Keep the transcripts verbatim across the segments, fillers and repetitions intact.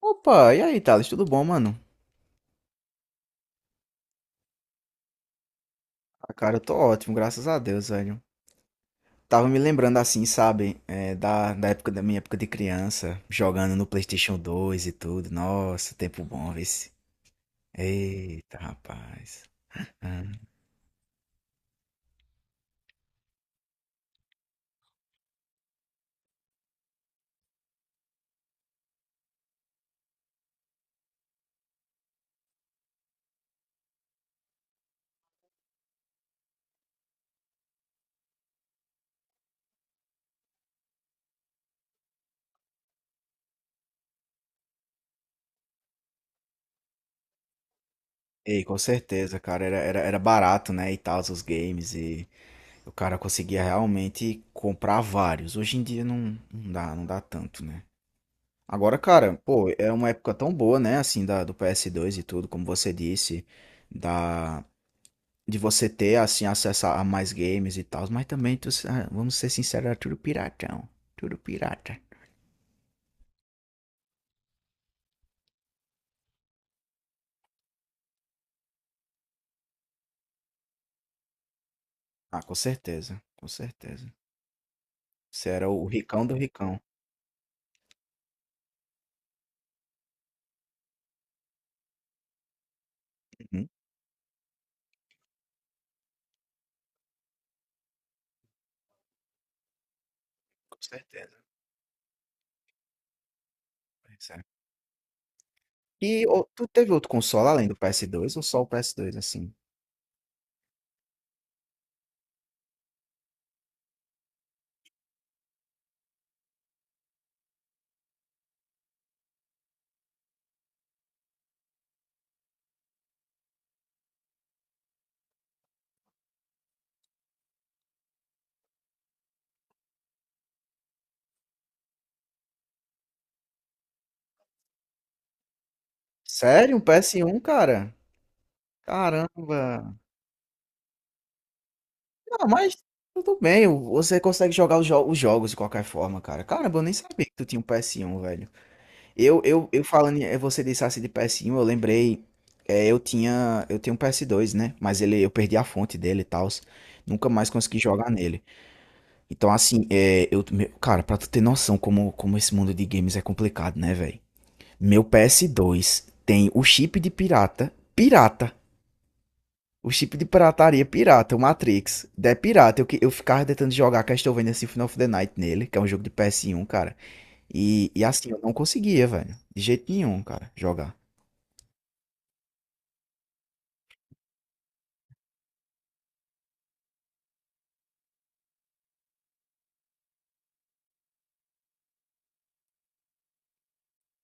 Opa, e aí, Thales? Tudo bom, mano? Ah, cara, eu tô ótimo, graças a Deus, velho. Tava me lembrando assim, sabe, é, da, da época da minha época de criança, jogando no PlayStation dois e tudo. Nossa, tempo bom, vê se. Eita, rapaz. Ah. Ei, com certeza, cara, era, era, era barato, né, e tal, os games, e o cara conseguia realmente comprar vários. Hoje em dia não, não dá, não dá tanto, né? Agora, cara, pô, é uma época tão boa, né, assim, da, do P S dois e tudo, como você disse, da, de você ter assim acesso a mais games e tal, mas também tu, ah, vamos ser sinceros, era tudo piratão, tudo pirata. Ah, com certeza, com certeza. Você era o ricão do ricão. Uhum, com certeza. Pois é. E ô, tu teve outro console além do P S dois ou só o P S dois assim? Sério, um P S um, cara? Caramba. Não, mas tudo bem, o- você consegue jogar os, jo- os jogos de qualquer forma, cara. Caramba, eu nem sabia que tu tinha um P S um, velho. Eu, eu, eu falando, em- eh, você disse assim de P S um, eu lembrei, é, eu tinha, eu tenho um P S dois, né? Mas ele, eu perdi a fonte dele e tal, nunca mais consegui jogar nele. Então assim, é, eu, meu- cara, pra tu ter noção como, como esse mundo de games é complicado, né, velho? Meu P S dois tem o chip de pirata, pirata, o chip de pirataria é pirata, o Matrix, é pirata. Eu, que- eu ficava tentando jogar Castlevania Symphony of the Night nele, que é um jogo de P S um, cara. E, e assim, eu não conseguia, velho, de jeito nenhum, cara, jogar.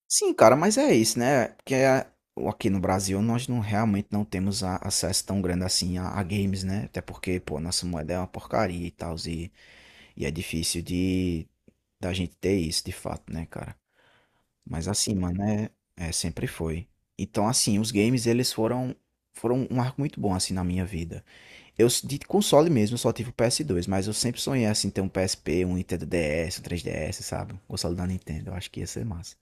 Sim, cara, mas é isso, né? Porque é- o- aqui no Brasil nós não realmente não temos a- acesso tão grande assim a, a games, né? Até porque, pô, nossa moeda é uma porcaria e tal, e, e é difícil de da gente ter isso de fato, né, cara? Mas assim, mano, é, é sempre foi. Então, assim, os games eles foram foram um arco muito bom assim na minha vida. Eu s- de console mesmo eu só tive o ps dois, mas eu sempre sonhei assim ter um P S P, um Nintendo D S, um três D S, sabe? Um console da Nintendo, eu acho que ia ser massa.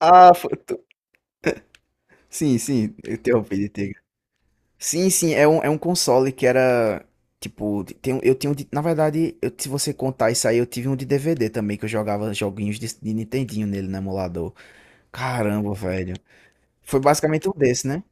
Ah, sim, sim, eu interrompi de Tiga. Sim, sim, é um, é um console que era. Tipo, tem, um- eu tinha um de. Na verdade, eu- se você contar isso aí, eu tive um de D V D também, que eu jogava joguinhos de, de Nintendinho nele no emulador. Caramba, velho. Foi basicamente um desse, né?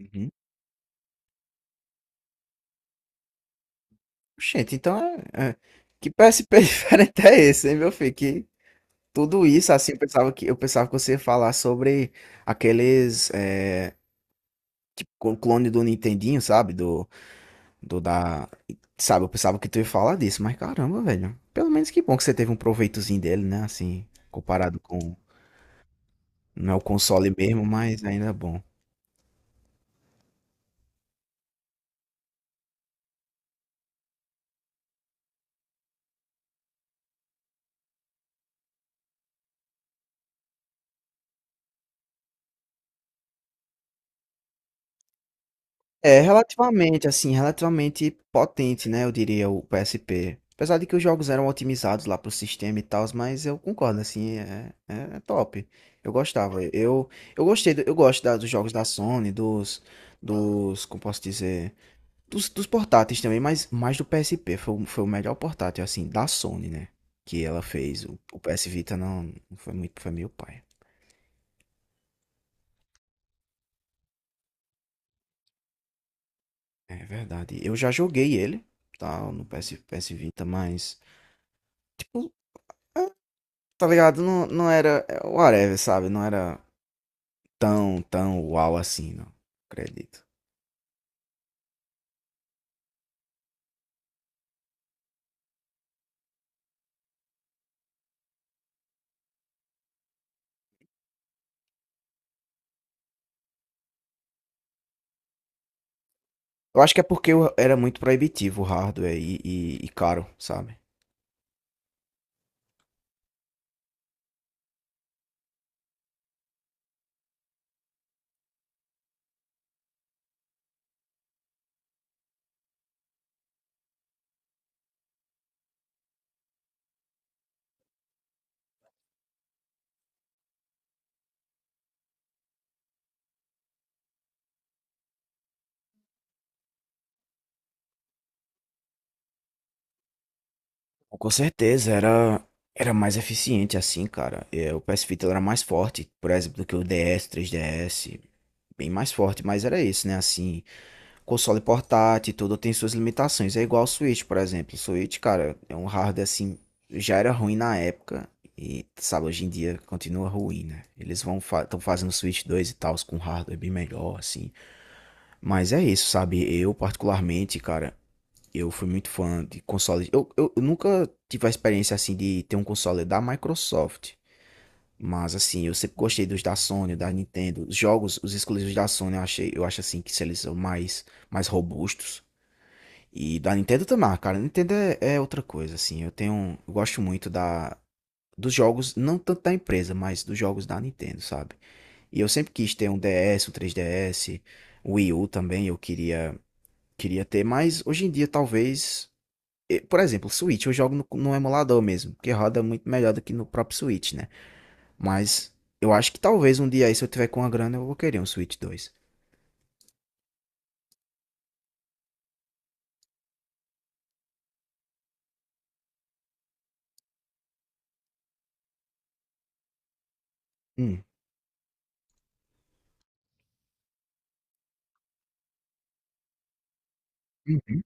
Uhum. Gente, então é, é- que P S P diferente é esse, hein, meu filho? Que tudo isso, assim, eu pensava que, eu pensava que você ia falar sobre aqueles. É, clone do Nintendinho, sabe? Do. Do da. Sabe, eu pensava que tu ia falar disso, mas caramba, velho. Pelo menos que bom que você teve um proveitozinho dele, né? Assim, comparado com. Não é o console mesmo, mas ainda é bom. É, relativamente, assim, relativamente potente, né? Eu diria o P S P. Apesar de que os jogos eram otimizados lá pro sistema e tal, mas eu concordo, assim, é, é é top. Eu gostava. Eu, eu gostei, do- eu gosto da- dos jogos da Sony, dos. Dos. Como posso dizer? Dos, dos portáteis também, mas mais do P S P. Foi, o- foi o melhor portátil, assim, da Sony, né? Que ela fez. O, o P S Vita não, não, foi muito. Foi meio pai. É verdade. Eu já joguei ele, tá? No PS, P S Vita, mas. Tipo, tá ligado? Não, não era. é, Whatever, sabe? Não era tão, tão uau assim, não. Acredito. Eu acho que é porque eu- era muito proibitivo o hardware e, e, e caro, sabe? Com certeza, era, era mais eficiente assim, cara. É, o P S Vita era mais forte, por exemplo, do que o D S, três D S, bem mais forte, mas era esse, né? Assim, console portátil e tudo tem suas limitações. É igual o Switch, por exemplo. O Switch, cara, é um hardware assim, já era ruim na época e, sabe, hoje em dia continua ruim, né? Eles vão estão fazendo Switch dois e tal, com hardware bem melhor, assim. Mas é isso, sabe? Eu, particularmente, cara. Eu fui muito fã de consoles. Eu, eu, eu nunca tive a experiência assim de ter um console da Microsoft. Mas assim, eu sempre gostei dos da Sony, da Nintendo. Os jogos, os exclusivos da Sony, eu achei, eu acho assim que eles são mais, mais robustos. E da Nintendo também, ah, cara. Nintendo é, é outra coisa, assim. Eu tenho, eu gosto muito da, dos jogos, não tanto da empresa, mas dos jogos da Nintendo, sabe? E eu sempre quis ter um D S, um três D S, Wii U também, eu queria, queria ter, mas hoje em dia talvez eh, por exemplo, Switch eu jogo no, no emulador mesmo, que roda muito melhor do que no próprio Switch, né? Mas eu acho que talvez um dia aí, se eu tiver com a grana, eu vou querer um Switch dois. Hum. Uhum.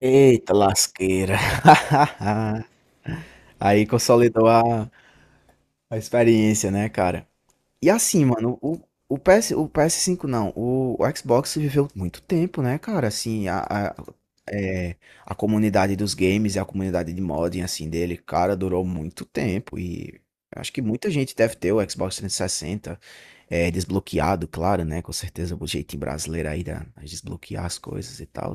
Eita lasqueira. Aí consolidou a, a experiência, né, cara? E assim, mano, o, o P S, o P S cinco não, o, o Xbox viveu muito tempo, né, cara? Assim, a, a, é, a comunidade dos games e a comunidade de modding, assim, dele, cara, durou muito tempo. E acho que muita gente deve ter o Xbox trezentos e sessenta é, desbloqueado, claro, né? Com certeza, o jeitinho brasileiro aí da- de desbloquear as coisas e tal.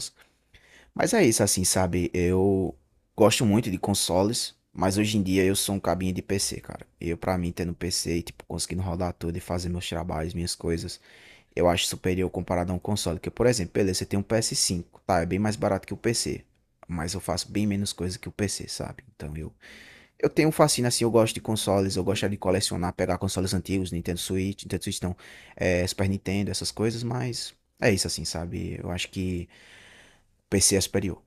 Mas é isso, assim, sabe? Eu gosto muito de consoles, mas hoje em dia eu sou um cabinho de P C, cara. Eu, pra mim, tendo P C e, tipo, conseguindo rodar tudo e fazer meus trabalhos, minhas coisas, eu acho superior comparado a um console. Porque por exemplo, beleza, você tem um ps cinco, tá? É bem mais barato que o P C. Mas eu faço bem menos coisa que o P C, sabe? Então eu, eu tenho um fascínio assim, eu gosto de consoles, eu gosto de colecionar, pegar consoles antigos, Nintendo Switch, Nintendo Switch não, é, Super Nintendo, essas coisas, mas é isso assim, sabe? Eu acho que o P C é superior.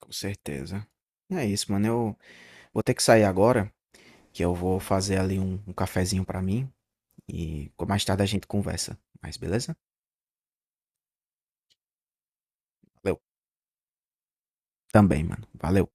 Com certeza. É isso, mano. Eu vou ter que sair agora, que eu vou fazer ali um, um cafezinho pra mim e mais tarde a gente conversa. Mas beleza? Valeu. Também, mano. Valeu.